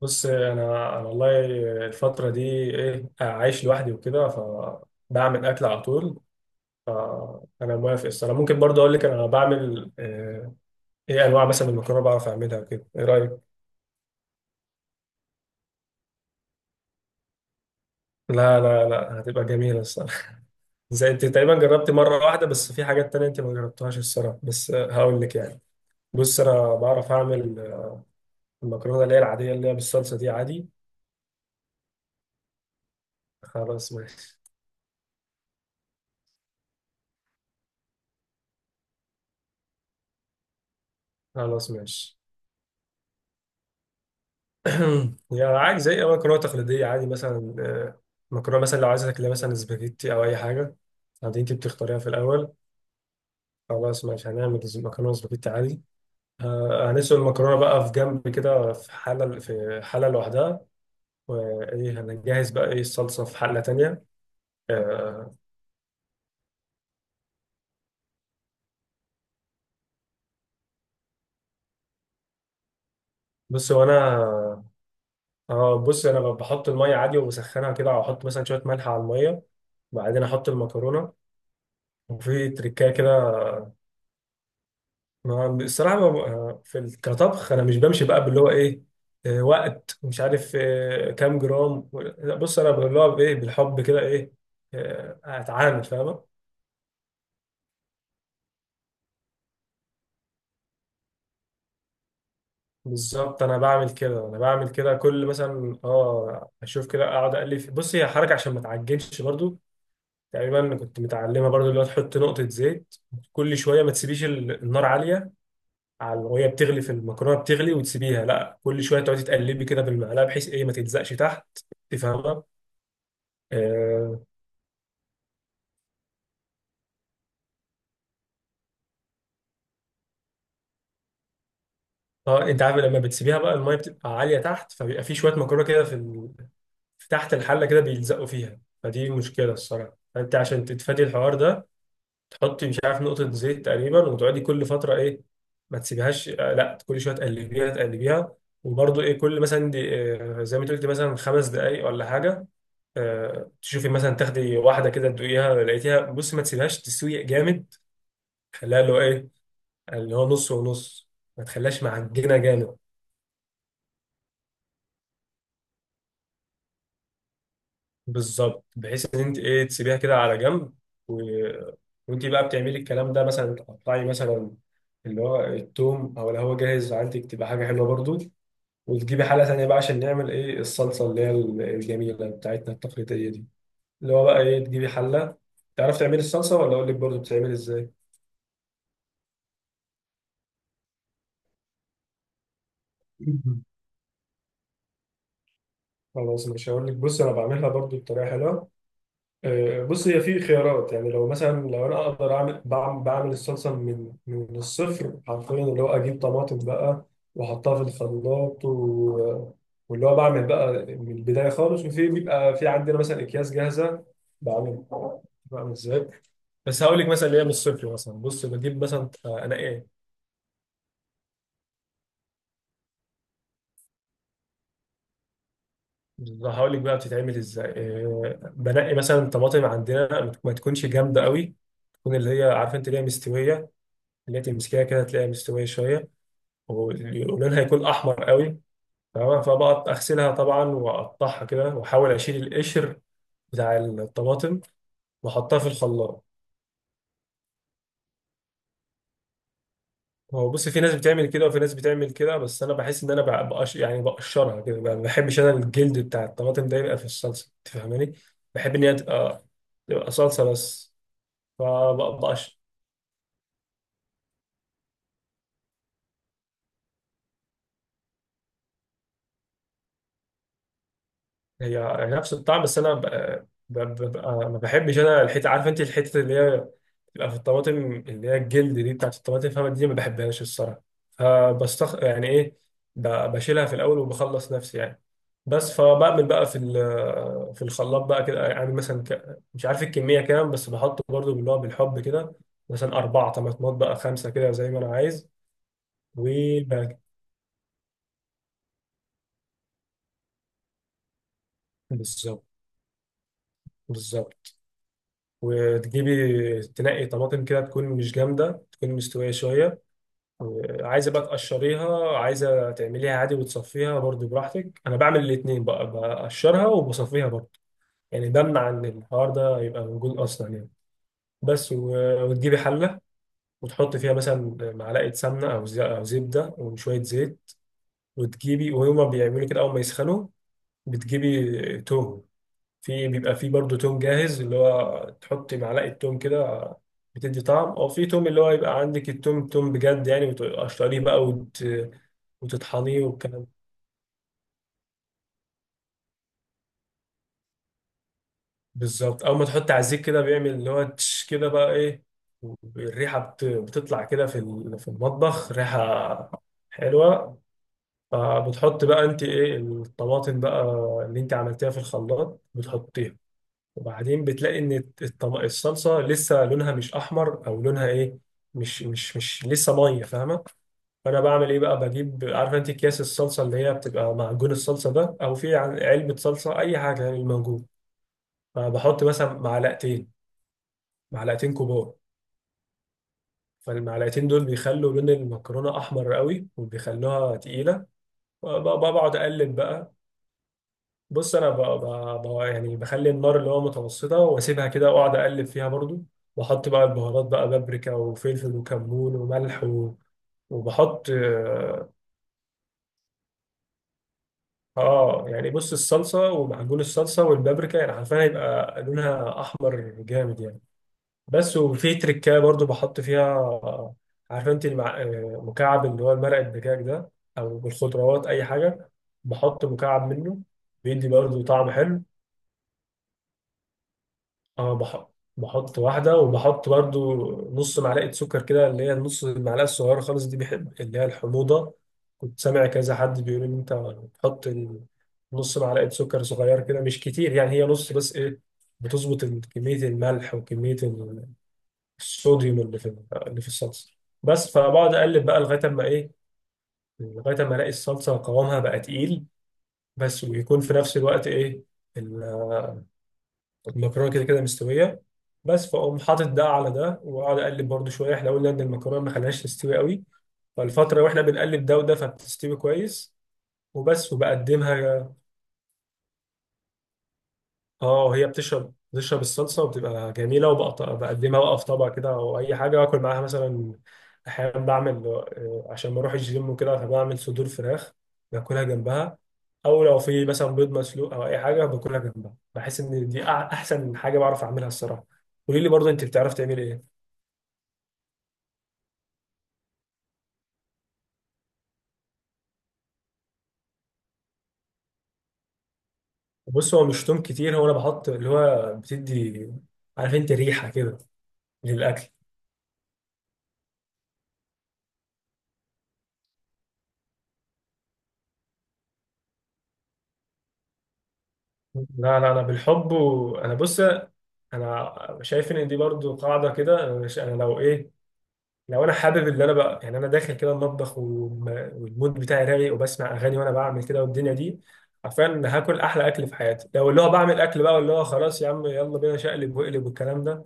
بص انا والله الفتره دي ايه، عايش لوحدي وكده فبعمل اكل على طول. فانا موافق الصراحه، ممكن برضه اقول لك انا بعمل ايه انواع مثلا من المكرونه بعرف اعملها وكده. ايه رايك؟ لا هتبقى جميله الصراحه. زي انت تقريبا جربت مره واحده، بس في حاجات تانية انت ما جربتهاش الصراحه، بس هقول لك يعني. بص انا بعرف اعمل المكرونه اللي هي العاديه اللي هي بالصلصه دي عادي. خلاص ماشي. خلاص ماشي. يعني عادي زي أي مكرونة تقليدية عادي مثلا، مكرونة مثلا لو عايزة تاكلها مثلا سباجيتي أو أي حاجة عادي أنت بتختاريها في الأول. خلاص ماشي، مكرونة سباجيتي عادي. هنسلق المكرونة بقى في جنب كده، في حلة لوحدها، وإيه هنجهز بقى إيه الصلصة في حلة تانية. آه، بص أنا بص أنا بحط المية عادي وبسخنها كده، أو أحط مثلا شوية ملح على المية، وبعدين أحط المكرونة، وفي تريكاية كده. ما الصراحة ما ما- في ال- كطبخ أنا مش بمشي بقى باللي هو إيه، وقت مش عارف كام جرام لا، بص أنا اللي هو إيه بالحب كده إيه، أتعامل، فاهمة؟ بالظبط، أنا بعمل كده كل مثلا أشوف كده، أقعد أقلب بص، هي حركة عشان ما تعجنش برضو. تقريبا كنت متعلمة برضو اللي هو تحط نقطة زيت كل شوية. ما تسيبيش النار عالية، على وهي بتغلي، في المكرونة بتغلي وتسيبيها لا، كل شوية تقعدي تقلبي كده بالمعلقة بحيث إيه ما تلزقش تحت. تفهم؟ اه. انت عارف لما بتسيبيها بقى الميه بتبقى عاليه تحت، فبيبقى في شويه مكرونه كده في في تحت الحله كده بيلزقوا فيها، فدي مشكله الصراحه، فانت عشان تتفادي الحوار ده تحطي مش عارف نقطه زيت تقريبا، وتقعدي كل فتره ايه ما تسيبهاش، لا كل شويه تقلبيها تقلبيها. وبرضه ايه كل مثلا دي زي ما انت قلت مثلا 5 دقائق ولا حاجه، تشوفي مثلا تاخدي واحده كده تدوقيها لقيتيها، بص ما تسيبهاش تسوي جامد، خليها اللي هو ايه، اللي هو نص ونص، ما تخليهاش معجنه جامد. بالظبط، بحيث ان انت ايه تسيبيها كده على جنب و... وانت بقى بتعملي الكلام ده، مثلا تقطعي مثلا اللي هو التوم، او اللي هو جاهز عندك تبقى حاجه حلوه برضو، وتجيبي حله تانية بقى عشان نعمل ايه الصلصه اللي هي الجميله بتاعتنا التقليديه دي. اللي هو بقى ايه تجيبي حله. تعرف تعملي الصلصه ولا اقول لك برضو بتتعمل ازاي؟ خلاص، مش هقول لك، بص انا بعملها برضو بطريقه حلوه. بص هي في خيارات، يعني لو مثلا، لو انا اقدر اعمل بعمل الصلصه من الصفر حرفيا، اللي هو اجيب طماطم بقى واحطها في الخلاط واللي هو بعمل بقى من البدايه خالص. وفي بيبقى في عندنا مثلا اكياس جاهزه بعمل بعمل ازاي. بس هقول لك مثلا اللي هي من الصفر، مثلا بص بجيب مثلا انا ايه هقول لك بقى بتتعمل ازاي. بنقي مثلا طماطم عندنا ما تكونش جامده قوي، تكون اللي هي عارفه انت اللي هي مستويه، اللي هي تمسكيها كده تلاقيها مستويه شويه، ولونها هيكون احمر قوي. تمام، فبقى اغسلها طبعا واقطعها كده واحاول اشيل القشر بتاع الطماطم واحطها في الخلاط. هو بص في ناس بتعمل كده وفي ناس بتعمل كده، بس انا بحس ان انا بقش يعني بقشرها كده، ما بحبش انا الجلد بتاع الطماطم ده يبقى في الصلصه، انت فاهماني؟ بحب ان هي تبقى صلصه بس. فبقش، هي نفس الطعم، بس انا ببقى ما بحبش انا الحته، عارف انت الحته اللي هي لا في الطماطم اللي هي الجلد دي بتاعت الطماطم، فاهمة دي ما بحبهاش الصراحة، فبستخ يعني إيه، بشيلها في الأول وبخلص نفسي يعني. بس فبعمل بقى في في الخلاط بقى كده، يعني مثلا مش عارف الكمية كام، بس بحط برضو باللي هو بالحب كده، مثلا 4 طماطمات بقى، 5 كده زي ما أنا عايز. وباك. بالظبط. بالظبط. وتجيبي تنقي طماطم كده تكون مش جامدة، تكون مستوية شوية. عايزه بقى تقشريها، عايزه تعمليها عادي وتصفيها، برضو براحتك، انا بعمل الاثنين بقى، بقشرها وبصفيها برضو، يعني بمنع ان الحوار ده يبقى موجود اصلا يعني. بس، وتجيبي حله، وتحطي فيها مثلا معلقه سمنه او زبده وشويه زيت، وتجيبي وهما بيعملوا كده اول ما يسخنوا بتجيبي توم. في بيبقى في برضه توم جاهز اللي هو تحط معلقة توم كده، بتدي طعم، او في توم اللي هو يبقى عندك التوم، توم بجد يعني، وتقشريه بقى وتطحنيه والكلام ده. بالظبط، اول ما تحط عزيك كده بيعمل اللي هو تش كده، بقى ايه الريحة بتطلع كده في في المطبخ ريحة حلوة. فبتحط بقى انت ايه الطماطم بقى اللي انت عملتيها في الخلاط بتحطيها، وبعدين بتلاقي ان الصلصه لسه لونها مش احمر، او لونها ايه، مش لسه ميه، فاهمه؟ فانا بعمل ايه بقى، بجيب عارف انت اكياس الصلصه اللي هي بتبقى معجون الصلصه ده، او في علبه صلصه اي حاجه يعني الموجود، فبحط مثلا معلقتين كبار، فالمعلقتين دول بيخلوا لون المكرونه احمر قوي وبيخلوها تقيله. وبقعد اقلب بقى، بص انا يعني بخلي النار اللي هو متوسطه، واسيبها كده واقعد اقلب فيها برضو، واحط بقى البهارات بقى، بابريكا وفلفل وكمون وملح وبحط اه يعني بص الصلصه ومعجون الصلصه والبابريكا يعني حرفيا هيبقى لونها احمر جامد يعني. بس وفي تريكايه برضو بحط فيها عارفه انت المع... آه، مكعب اللي هو مرق الدجاج ده، او بالخضروات اي حاجه، بحط مكعب منه بيدي برضو طعم حلو. اه بحط واحدة، وبحط برضو نص معلقة سكر كده، اللي هي النص المعلقة الصغيرة خالص دي، بحب اللي هي الحموضة. كنت سامع كذا حد بيقول إن أنت بتحط نص معلقة سكر صغير كده، مش كتير يعني، هي نص، بس إيه، بتظبط كمية الملح وكمية الصوديوم اللي في اللي في الصلصة. بس فبقعد أقلب بقى لغاية أما إيه، لغاية أما ألاقي الصلصة قوامها بقى تقيل، بس ويكون في نفس الوقت إيه المكرونه كده كده مستويه. بس، فاقوم حاطط ده على ده واقعد اقلب برضو شويه، احنا قلنا ان المكرونه ما خليهاش تستوي قوي، فالفتره واحنا بنقلب ده وده فبتستوي كويس. وبس وبقدمها. اه هي بتشرب الصلصه وبتبقى جميله، وبقطع بقدمها بقى في طبق كده او اي حاجه، واكل معاها مثلا احيانا بعمل عشان بروح الجيم وكده، فبعمل صدور فراخ باكلها جنبها، او لو في مثلا بيض مسلوق او اي حاجه باكلها جنبها. بحس ان دي احسن حاجه بعرف اعملها الصراحه. قولي لي برضه انت بتعرف تعمل ايه. بص هو مش توم كتير، هو انا بحط اللي هو بتدي عارف انت ريحه كده للاكل. لا لا انا بالحب، وانا بص، انا شايف ان دي برضو قاعده كده. انا مش، انا لو ايه، لو انا حابب اللي انا بقى، يعني انا داخل كده المطبخ والمود بتاعي رايق وبسمع اغاني وانا بعمل كده والدنيا دي، عارفين هاكل احلى اكل في حياتي لو اللي هو بعمل اكل بقى، واللي هو خلاص يا عم يلا بينا شقلب واقلب والكلام ده،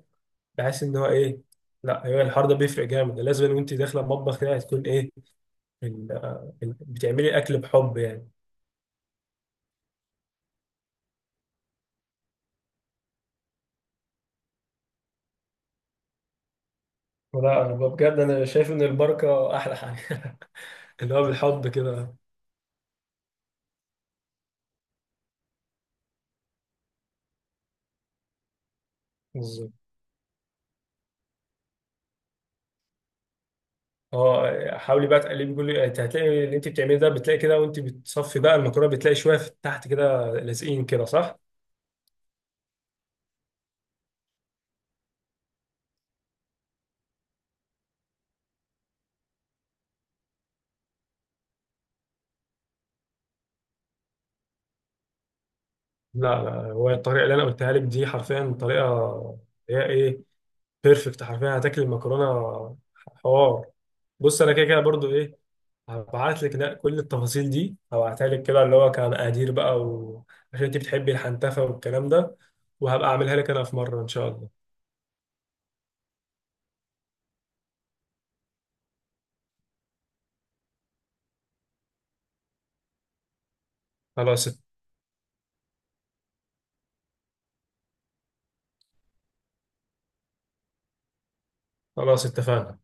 بحس ان هو ايه، لا، هو الحوار ده بيفرق جامد، لازم وانت داخله المطبخ كده هتكون ايه ال- بتعملي اكل بحب يعني. ولا انا بجد انا شايف ان البركه احلى حاجه. اللي هو بالحب كده، بالظبط. اه حاولي بقى تقلبي كل، انت هتلاقي اللي انت بتعمليه ده بتلاقي كده وانت بتصفي بقى المكرونه بتلاقي شويه في تحت كده لازقين كده، صح؟ لا هو الطريقه اللي انا قلتها لك دي حرفيا طريقه هي ايه، بيرفكت، حرفيا هتاكل المكرونه حوار. بص انا كده كده برضو ايه هبعت لك، لا كل التفاصيل دي هبعتها لك كده اللي هو كمقادير بقى عشان انت بتحبي الحنتفه والكلام ده، وهبقى اعملها لك انا في مره ان شاء الله. خلاص، خلاص اتفقنا.